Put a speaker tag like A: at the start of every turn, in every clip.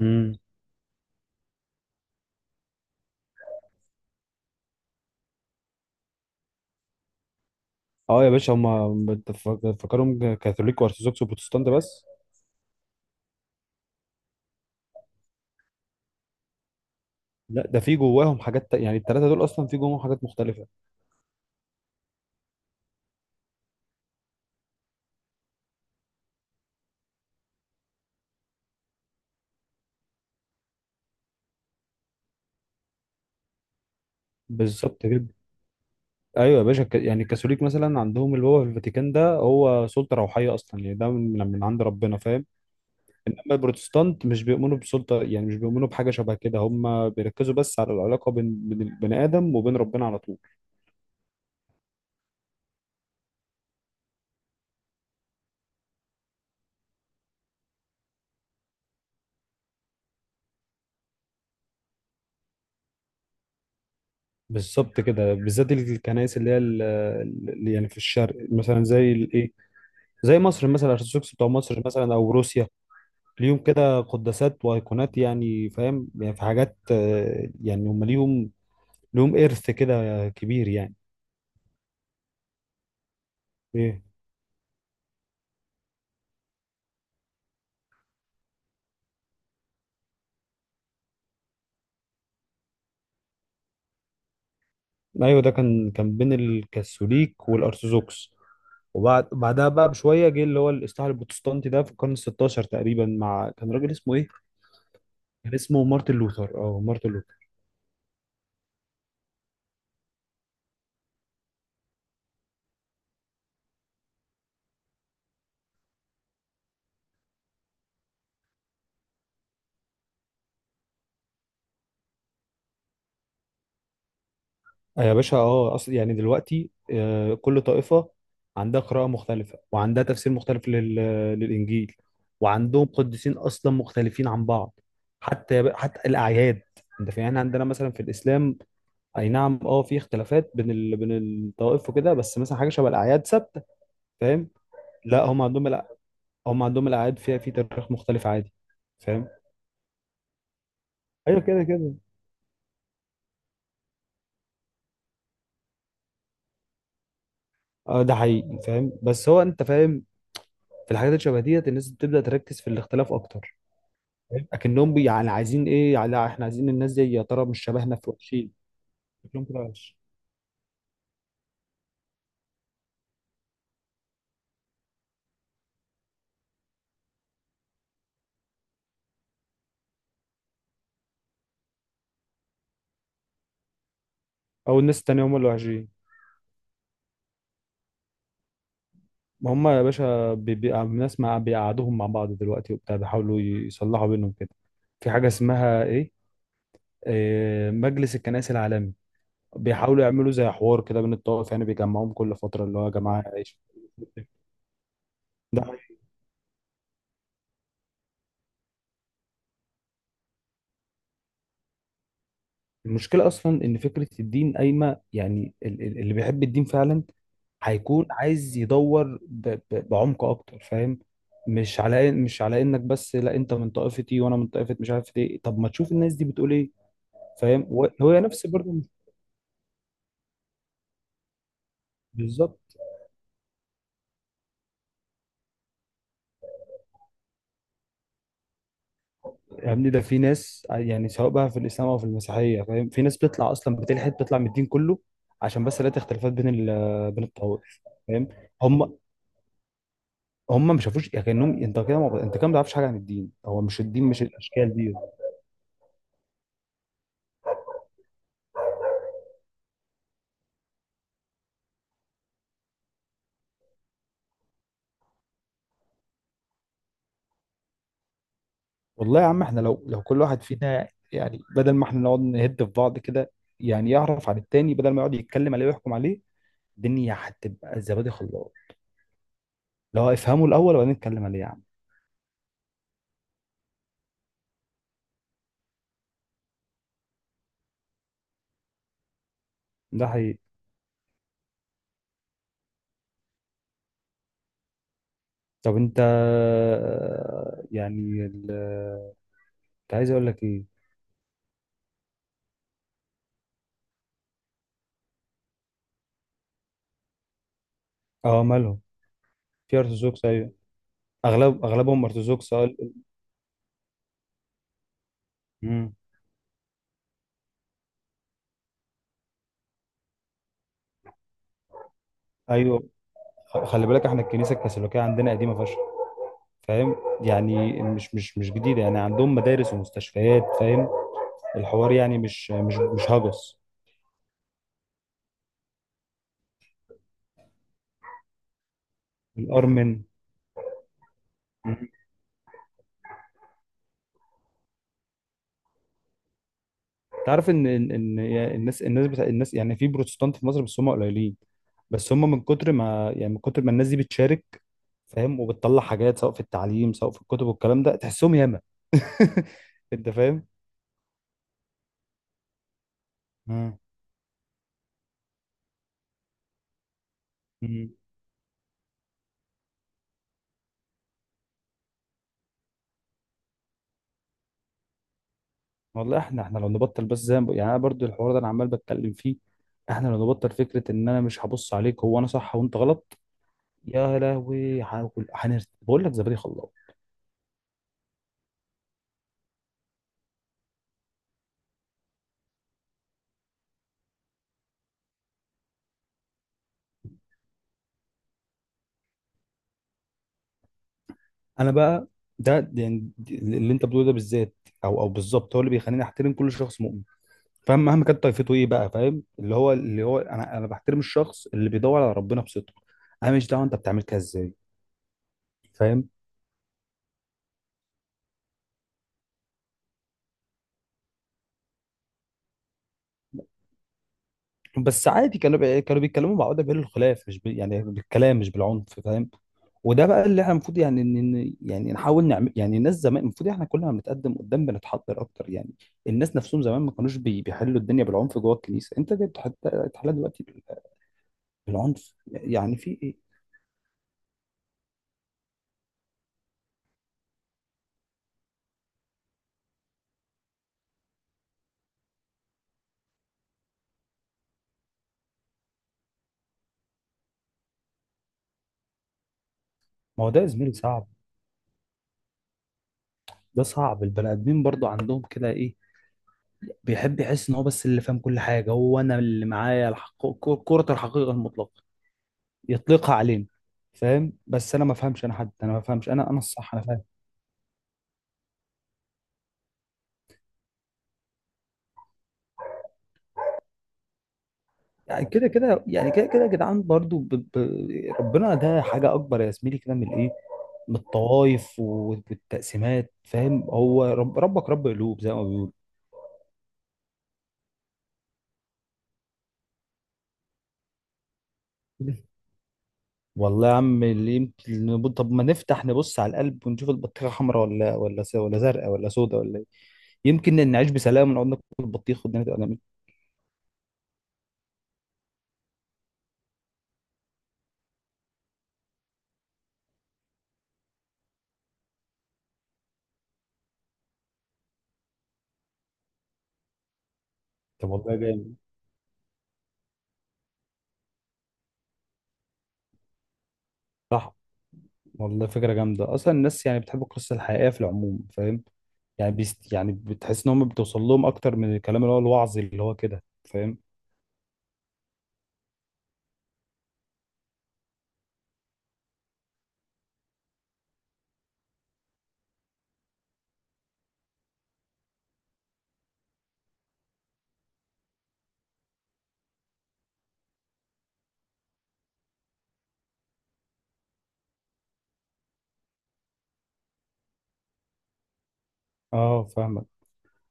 A: امم اه يا باشا هم فاكرهم كاثوليك وارثوذكس وبروتستانت بس. لا، ده في جواهم يعني الثلاثه دول اصلا في جواهم حاجات مختلفه. بالظبط كده. ايوه يا باشا، يعني الكاثوليك مثلا عندهم اللي هو في الفاتيكان، ده هو سلطه روحيه اصلا، يعني ده من عند ربنا، فاهم؟ انما البروتستانت مش بيؤمنوا بسلطه، يعني مش بيؤمنوا بحاجه شبه كده، هم بيركزوا بس على العلاقه بين البني ادم وبين ربنا على طول. بالظبط كده، بالذات الكنائس اللي هي يعني في الشرق، مثلا زي الايه، زي مصر مثلا، الارثوذكس بتوع مصر مثلا او روسيا. ليهم كده قداسات وايقونات، يعني فاهم، يعني في حاجات يعني هم ليهم، ليهم ارث كده كبير يعني. ايه. ايوه، ده كان بين الكاثوليك والارثوذكس. وبعد بعدها بقى بشويه جه اللي هو الاصلاح البروتستانتي ده في القرن ال 16 تقريبا، مع كان راجل اسمه ايه؟ كان اسمه مارتن لوثر، اه مارتن لوثر. يا باشا، اه اصل يعني دلوقتي كل طائفة عندها قراءة مختلفة وعندها تفسير مختلف للإنجيل، وعندهم قديسين أصلا مختلفين عن بعض. حتى الأعياد، أنت فاهم؟ يعني عندنا مثلا في الإسلام أي نعم اه في اختلافات بين الطوائف وكده، بس مثلا حاجة شبه الأعياد ثابتة، فاهم. لا، هم عندهم هم عندهم الأعياد فيها في تاريخ مختلف عادي. فاهم. ايوه كده كده. اه ده حقيقي، فاهم، بس هو انت فاهم، في الحاجات اللي شبه ديت الناس بتبدأ تركز في الاختلاف اكتر. يعني عايزين ايه؟ يعني احنا عايزين الناس دي يا ترى مش شبهنا في وحشين؟ شكلهم كده وحش. او الناس التانية هم اللي وحشين. ما هم يا باشا، الناس مع بيقعدوهم مع بعض دلوقتي وبتاع، بيحاولوا يصلحوا بينهم كده. في حاجة اسمها ايه، إيه، مجلس الكنائس العالمي، بيحاولوا يعملوا زي حوار كده بين الطوائف، يعني بيجمعوهم كل فترة اللي هو يا جماعة عيش. المشكلة أصلا إن فكرة الدين قايمة، يعني اللي بيحب الدين فعلا هيكون عايز يدور بعمق أكتر، فاهم. مش على مش على إنك بس لا أنت من طائفتي وأنا من طائفة مش عارف إيه، طب ما تشوف الناس دي بتقول إيه. فاهم. هو نفس برضه. بالظبط. يعني ده في ناس، يعني سواء بقى في الإسلام أو في المسيحية، فاهم، في ناس بتطلع أصلا بتلحد، بتطلع من الدين كله عشان بس لقيت اختلافات بين الطوائف. فاهم. هم هم ما شافوش، يعني كانهم انت كده ما... انت كده ما تعرفش حاجه عن الدين، هو مش الدين مش الاشكال دي. والله يا عم، احنا لو كل واحد فينا، يعني بدل ما احنا نقعد نهد في بعض كده، يعني يعرف عن التاني بدل ما يقعد يتكلم عليه ويحكم عليه، الدنيا هتبقى زبادي خلاص. لو افهمه الاول وبعدين نتكلم عليه يا عم. ده حقيقي. طب انت، يعني ال... كنت عايز اقول لك ايه. اه مالهم. في ارثوذكس ايوه. اغلب اغلبهم ارثوذكس، اه. امم. ايوه، خلي بالك احنا الكنيسه الكاثوليكيه عندنا قديمه فشخ، فاهم، يعني مش جديده، يعني عندهم مدارس ومستشفيات، فاهم. الحوار يعني مش هجس. الارمن. مم. تعرف ان إن الناس، الناس بتاع الناس يعني في بروتستانت في مصر بس هم قليلين، بس هم من كتر ما، يعني من كتر ما الناس دي بتشارك، فاهم، وبتطلع حاجات سواء في التعليم سواء في الكتب والكلام ده، تحسهم ياما. انت فاهم. مم. والله احنا، احنا لو نبطل بس زي ما بق- يعني انا برضو الحوار ده انا عمال بتكلم فيه. احنا لو نبطل فكره ان انا مش هبص عليك، هو انا صح وانت غلط. يا لهوي هاكل هنرت، بقول لك زبادي خلاص. انا بقى، يعني اللي انت بتقوله ده بالذات، او بالظبط هو اللي بيخليني احترم كل شخص مؤمن، فاهم، مهما كانت طائفته ايه بقى، فاهم، اللي هو انا بحترم الشخص اللي بيدور على ربنا بصدق. انا مش دعوه انت بتعمل كده ازاي. فاهم. بس عادي، كانوا كانوا بيتكلموا مع بعض بالخلاف، مش يعني بالكلام مش بالعنف، فاهم. وده بقى اللي احنا المفروض، يعني يعني نحاول نعمل، يعني الناس زمان المفروض، احنا كل ما بنتقدم قدام بنتحضر اكتر يعني. الناس نفسهم زمان ما كانوش بيحلوا الدنيا بالعنف جوه الكنيسه، انت ليه بتحلها دلوقتي بالعنف؟ يعني في ايه. ما هو ده يا زميلي صعب، ده صعب. البني ادمين برضو عندهم كده ايه، بيحب يحس ان هو بس اللي فاهم كل حاجه، هو انا اللي معايا كرة الحقيقه المطلقه يطلقها علينا، فاهم. بس انا ما فهمش انا حد، انا ما فهمش، انا انا الصح انا فاهم. يعني كده كده، يعني كده كده يا جدعان برضو ب... ربنا ده حاجه اكبر يا زميلي كده من الايه، من الطوائف والتقسيمات، فاهم. هو ربك رب قلوب زي ما بيقولوا. والله يا عم، اللي طب ما نفتح نبص على القلب ونشوف البطيخه حمراء ولا ولا زرقاء ولا سوداء ولا ايه. يمكن نعيش بسلام ونقعد ناكل بطيخ والدنيا تبقى جميله. طب والله جامد. صح. والله فكرة جامدة أصلا، الناس يعني بتحب القصة الحقيقية في العموم، فاهم. يعني بيست يعني بتحس إن هم بتوصل لهم أكتر من الكلام اللي هو الوعظي، اللي هو كده فاهم. أه فاهمك.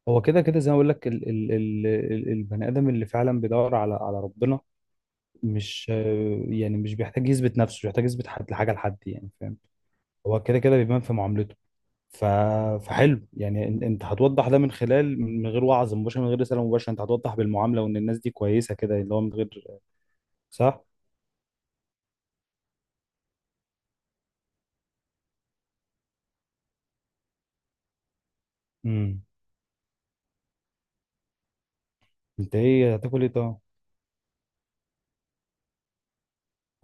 A: هو كده كده زي ما أقول لك، البني آدم اللي فعلا بيدور على ربنا، مش آه، يعني مش بيحتاج يثبت نفسه، مش بيحتاج يثبت حد حاجة لحد، يعني فاهم. هو كده كده بيبان في معاملته. ف... فحلو يعني، انت هتوضح ده من خلال، من غير وعظ مباشر، من غير رسالة مباشرة، انت هتوضح بالمعاملة، وان الناس دي كويسة كده، اللي هو من غير، صح؟ امم. انت ايه هتاكل ايه طبعا.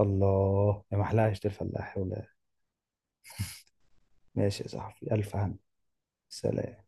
A: الله يا محلها عيش الفلاح ولا. ماشي يا صاحبي، الف هنا. سلام.